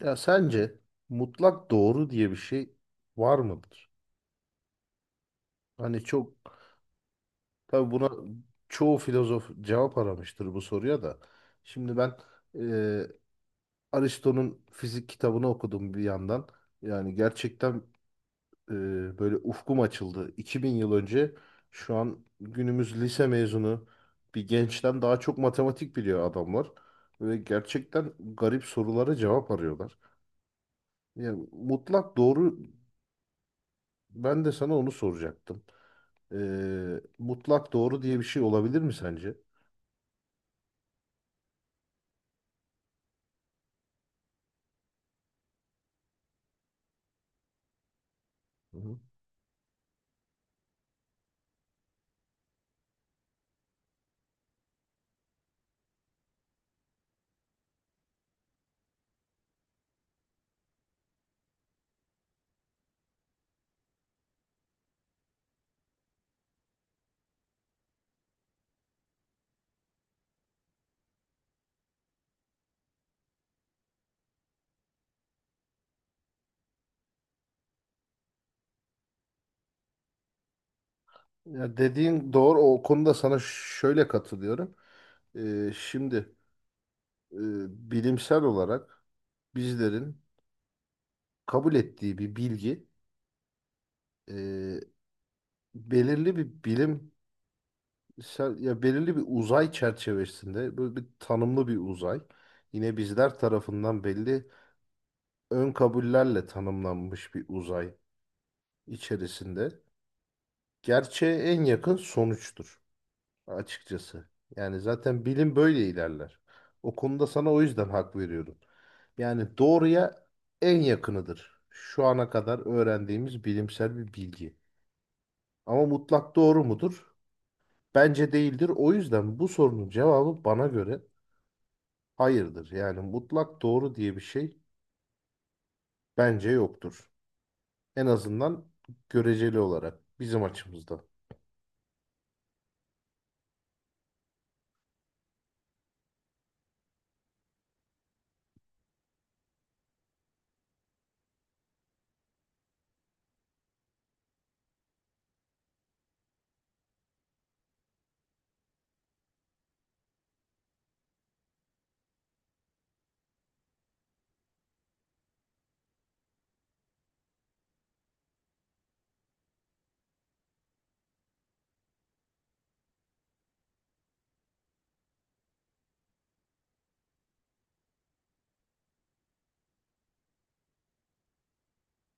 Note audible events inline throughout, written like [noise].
Ya sence mutlak doğru diye bir şey var mıdır? Hani çok tabii buna çoğu filozof cevap aramıştır bu soruya da. Şimdi ben e, Aristo'nun fizik kitabını okudum bir yandan. Yani gerçekten e, böyle ufkum açıldı. 2000 yıl önce şu an günümüz lise mezunu bir gençten daha çok matematik biliyor adamlar. Ve gerçekten garip sorulara cevap arıyorlar. Yani mutlak doğru ben de sana onu soracaktım. Mutlak doğru diye bir şey olabilir mi sence? Hı hı. Ya dediğin doğru. O konuda sana şöyle katılıyorum. Şimdi e, bilimsel olarak bizlerin kabul ettiği bir bilgi e, belirli bir bilimsel ya belirli bir uzay çerçevesinde böyle bir tanımlı bir uzay yine bizler tarafından belli ön kabullerle tanımlanmış bir uzay içerisinde gerçeğe en yakın sonuçtur. Açıkçası. Yani zaten bilim böyle ilerler. O konuda sana o yüzden hak veriyorum. Yani doğruya en yakınıdır. Şu ana kadar öğrendiğimiz bilimsel bir bilgi. Ama mutlak doğru mudur? Bence değildir. O yüzden bu sorunun cevabı bana göre hayırdır. Yani mutlak doğru diye bir şey bence yoktur. En azından göreceli olarak bizim açımızdan.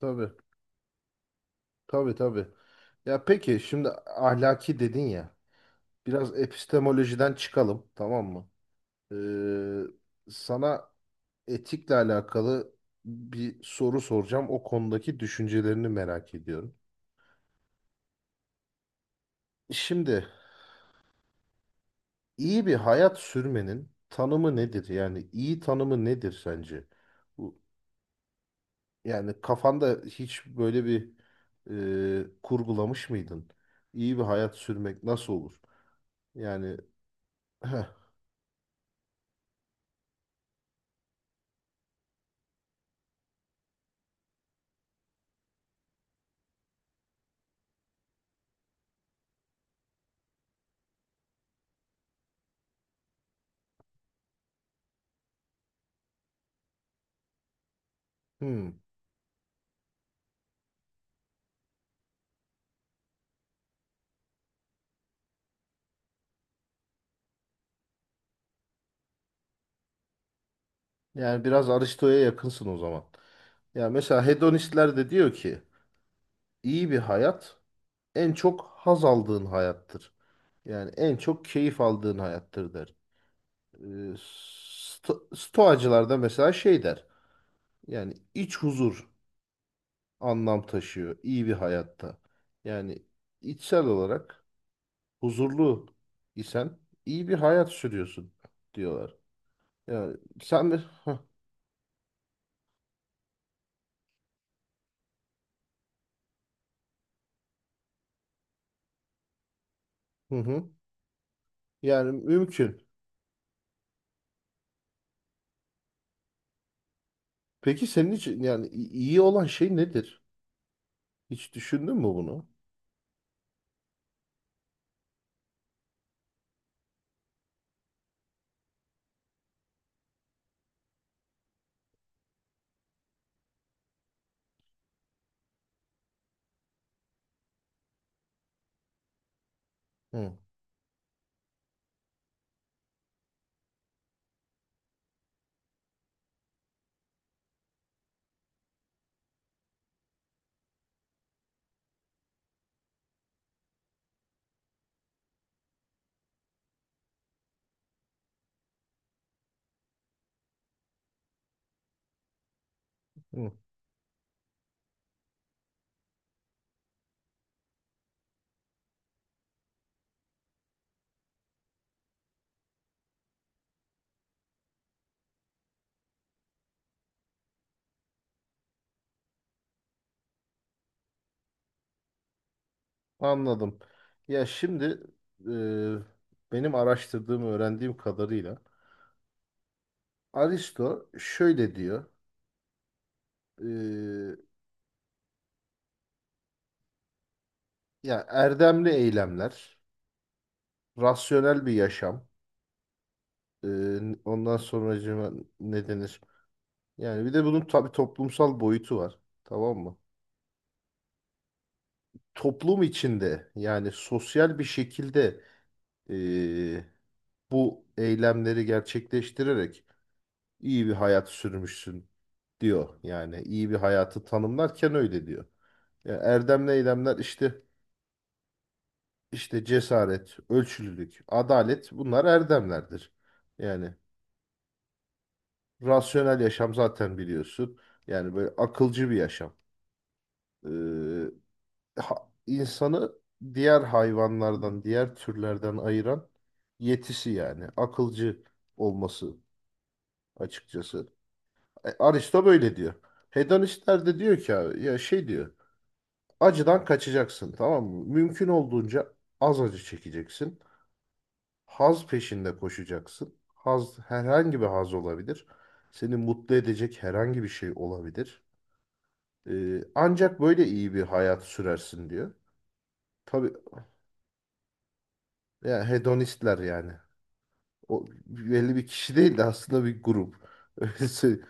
Tabii, tabii, tabii. Ya peki şimdi ahlaki dedin ya. Biraz epistemolojiden çıkalım, tamam mı? Ee, sana etikle alakalı bir soru soracağım. O konudaki düşüncelerini merak ediyorum. Şimdi iyi bir hayat sürmenin tanımı nedir? Yani iyi tanımı nedir sence? Bu, yani kafanda hiç böyle bir kurgulamış mıydın? İyi bir hayat sürmek nasıl olur? Yani heh, hmm, yani biraz Aristo'ya yakınsın o zaman. Ya mesela hedonistler de diyor ki İyi bir hayat en çok haz aldığın hayattır. Yani en çok keyif aldığın hayattır der. Stoacılar da mesela şey der. Yani iç huzur anlam taşıyor iyi bir hayatta. Yani içsel olarak huzurlu isen iyi bir hayat sürüyorsun diyorlar. Yani sen de hı hı. Yani mümkün. Peki senin için yani iyi olan şey nedir? Hiç düşündün mü bunu? Hı. Hı. Anladım. Ya şimdi benim araştırdığım, öğrendiğim kadarıyla Aristo şöyle diyor. e, ya erdemli eylemler, rasyonel bir yaşam. e, ondan sonracığıma ne denir? Yani bir de bunun tabii toplumsal boyutu var. Tamam mı? Toplum içinde yani sosyal bir şekilde e, bu eylemleri gerçekleştirerek iyi bir hayat sürmüşsün diyor. Yani iyi bir hayatı tanımlarken öyle diyor. Yani erdemli eylemler işte işte cesaret, ölçülülük, adalet bunlar erdemlerdir. Yani rasyonel yaşam zaten biliyorsun. Yani böyle akılcı bir yaşam. Ee, insanı diğer hayvanlardan, diğer türlerden ayıran yetisi yani akılcı olması açıkçası. E, Aristo böyle diyor. Hedonistler de diyor ki abi, ya şey diyor. Acıdan kaçacaksın tamam mı? Mümkün olduğunca az acı çekeceksin. Haz peşinde koşacaksın. Haz herhangi bir haz olabilir. Seni mutlu edecek herhangi bir şey olabilir. Ancak böyle iyi bir hayat sürersin diyor. Tabii yani hedonistler yani. O belli bir kişi değil de aslında bir grup. [laughs] Öylesi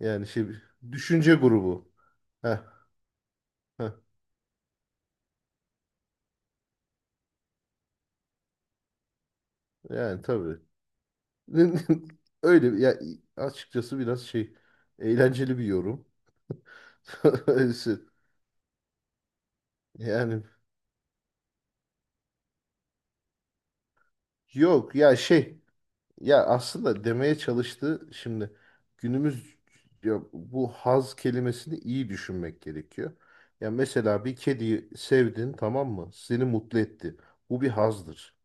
yani şey düşünce grubu. Heh, heh, yani tabii. [laughs] Öyle ya açıkçası biraz şey eğlenceli bir yorum. [laughs] Ölsün. Yani yok ya şey ya aslında demeye çalıştığı şimdi günümüz ya bu haz kelimesini iyi düşünmek gerekiyor. Ya mesela bir kediyi sevdin tamam mı? Seni mutlu etti. Bu bir hazdır.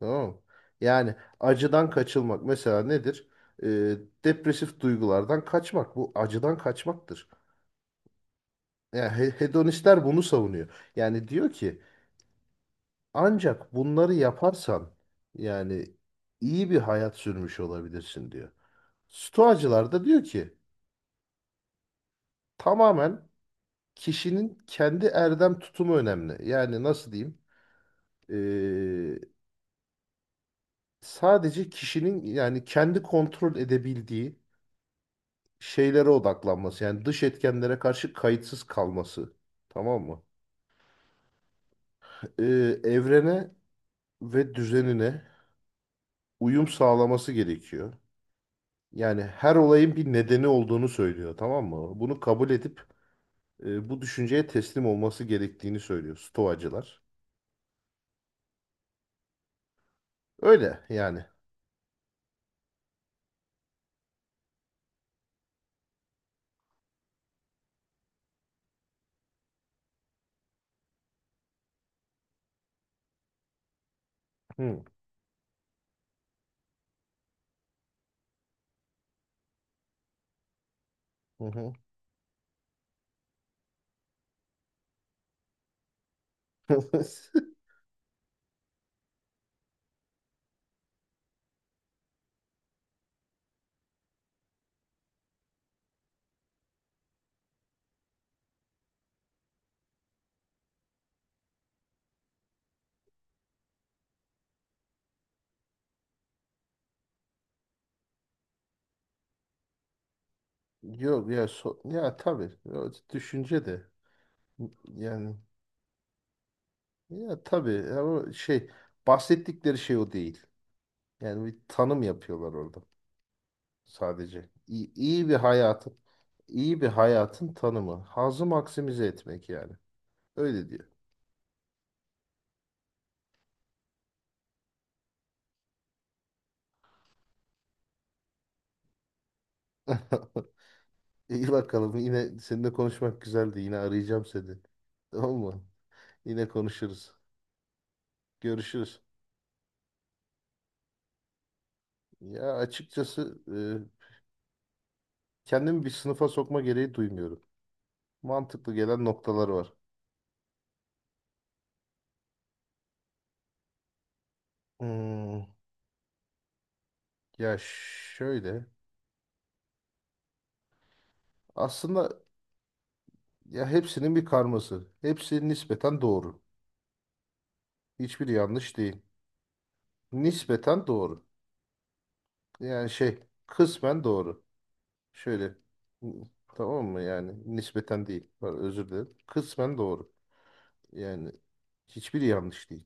Tamam mı? Yani acıdan kaçılmak mesela nedir? Ee, depresif duygulardan kaçmak. Bu acıdan kaçmaktır. Yani hedonistler bunu savunuyor. Yani diyor ki ancak bunları yaparsan yani iyi bir hayat sürmüş olabilirsin diyor. Stoacılar da diyor ki tamamen kişinin kendi erdem tutumu önemli. Yani nasıl diyeyim? Ee, sadece kişinin yani kendi kontrol edebildiği şeylere odaklanması. Yani dış etkenlere karşı kayıtsız kalması. Tamam mı? Ee, evrene ve düzenine uyum sağlaması gerekiyor. Yani her olayın bir nedeni olduğunu söylüyor, tamam mı? Bunu kabul edip bu düşünceye teslim olması gerektiğini söylüyor Stoacılar. Öyle yani. Hı, hı hı. [laughs] Yok ya ya tabii ya düşünce de yani ya tabii ama şey bahsettikleri şey o değil. Yani bir tanım yapıyorlar orada sadece. İyi, iyi bir hayatın iyi bir hayatın tanımı. Hazı maksimize etmek yani. Öyle diyor. [laughs] İyi bakalım. Yine seninle konuşmak güzeldi. Yine arayacağım seni. [laughs] Tamam mı? Yine konuşuruz. Görüşürüz. Ya açıkçası kendimi bir sınıfa sokma gereği duymuyorum. Mantıklı gelen noktalar var. Hmm, ya şöyle. Aslında ya hepsinin bir karması. Hepsi nispeten doğru. Hiçbiri yanlış değil. Nispeten doğru. Yani şey kısmen doğru. Şöyle. Hmm, tamam mı? Yani nispeten değil. Pardon, özür dilerim. Kısmen doğru. Yani hiçbiri yanlış değil.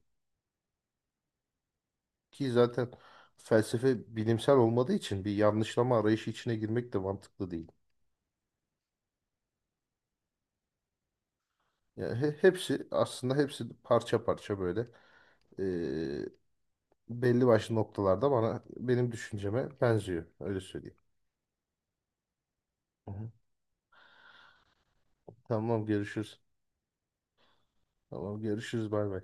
Ki zaten felsefe bilimsel olmadığı için bir yanlışlama arayışı içine girmek de mantıklı değil. Yani hepsi aslında hepsi parça parça böyle eee, belli başlı noktalarda bana benim düşünceme benziyor. Öyle söyleyeyim. Hı hı. Tamam görüşürüz. Tamam görüşürüz bay bay.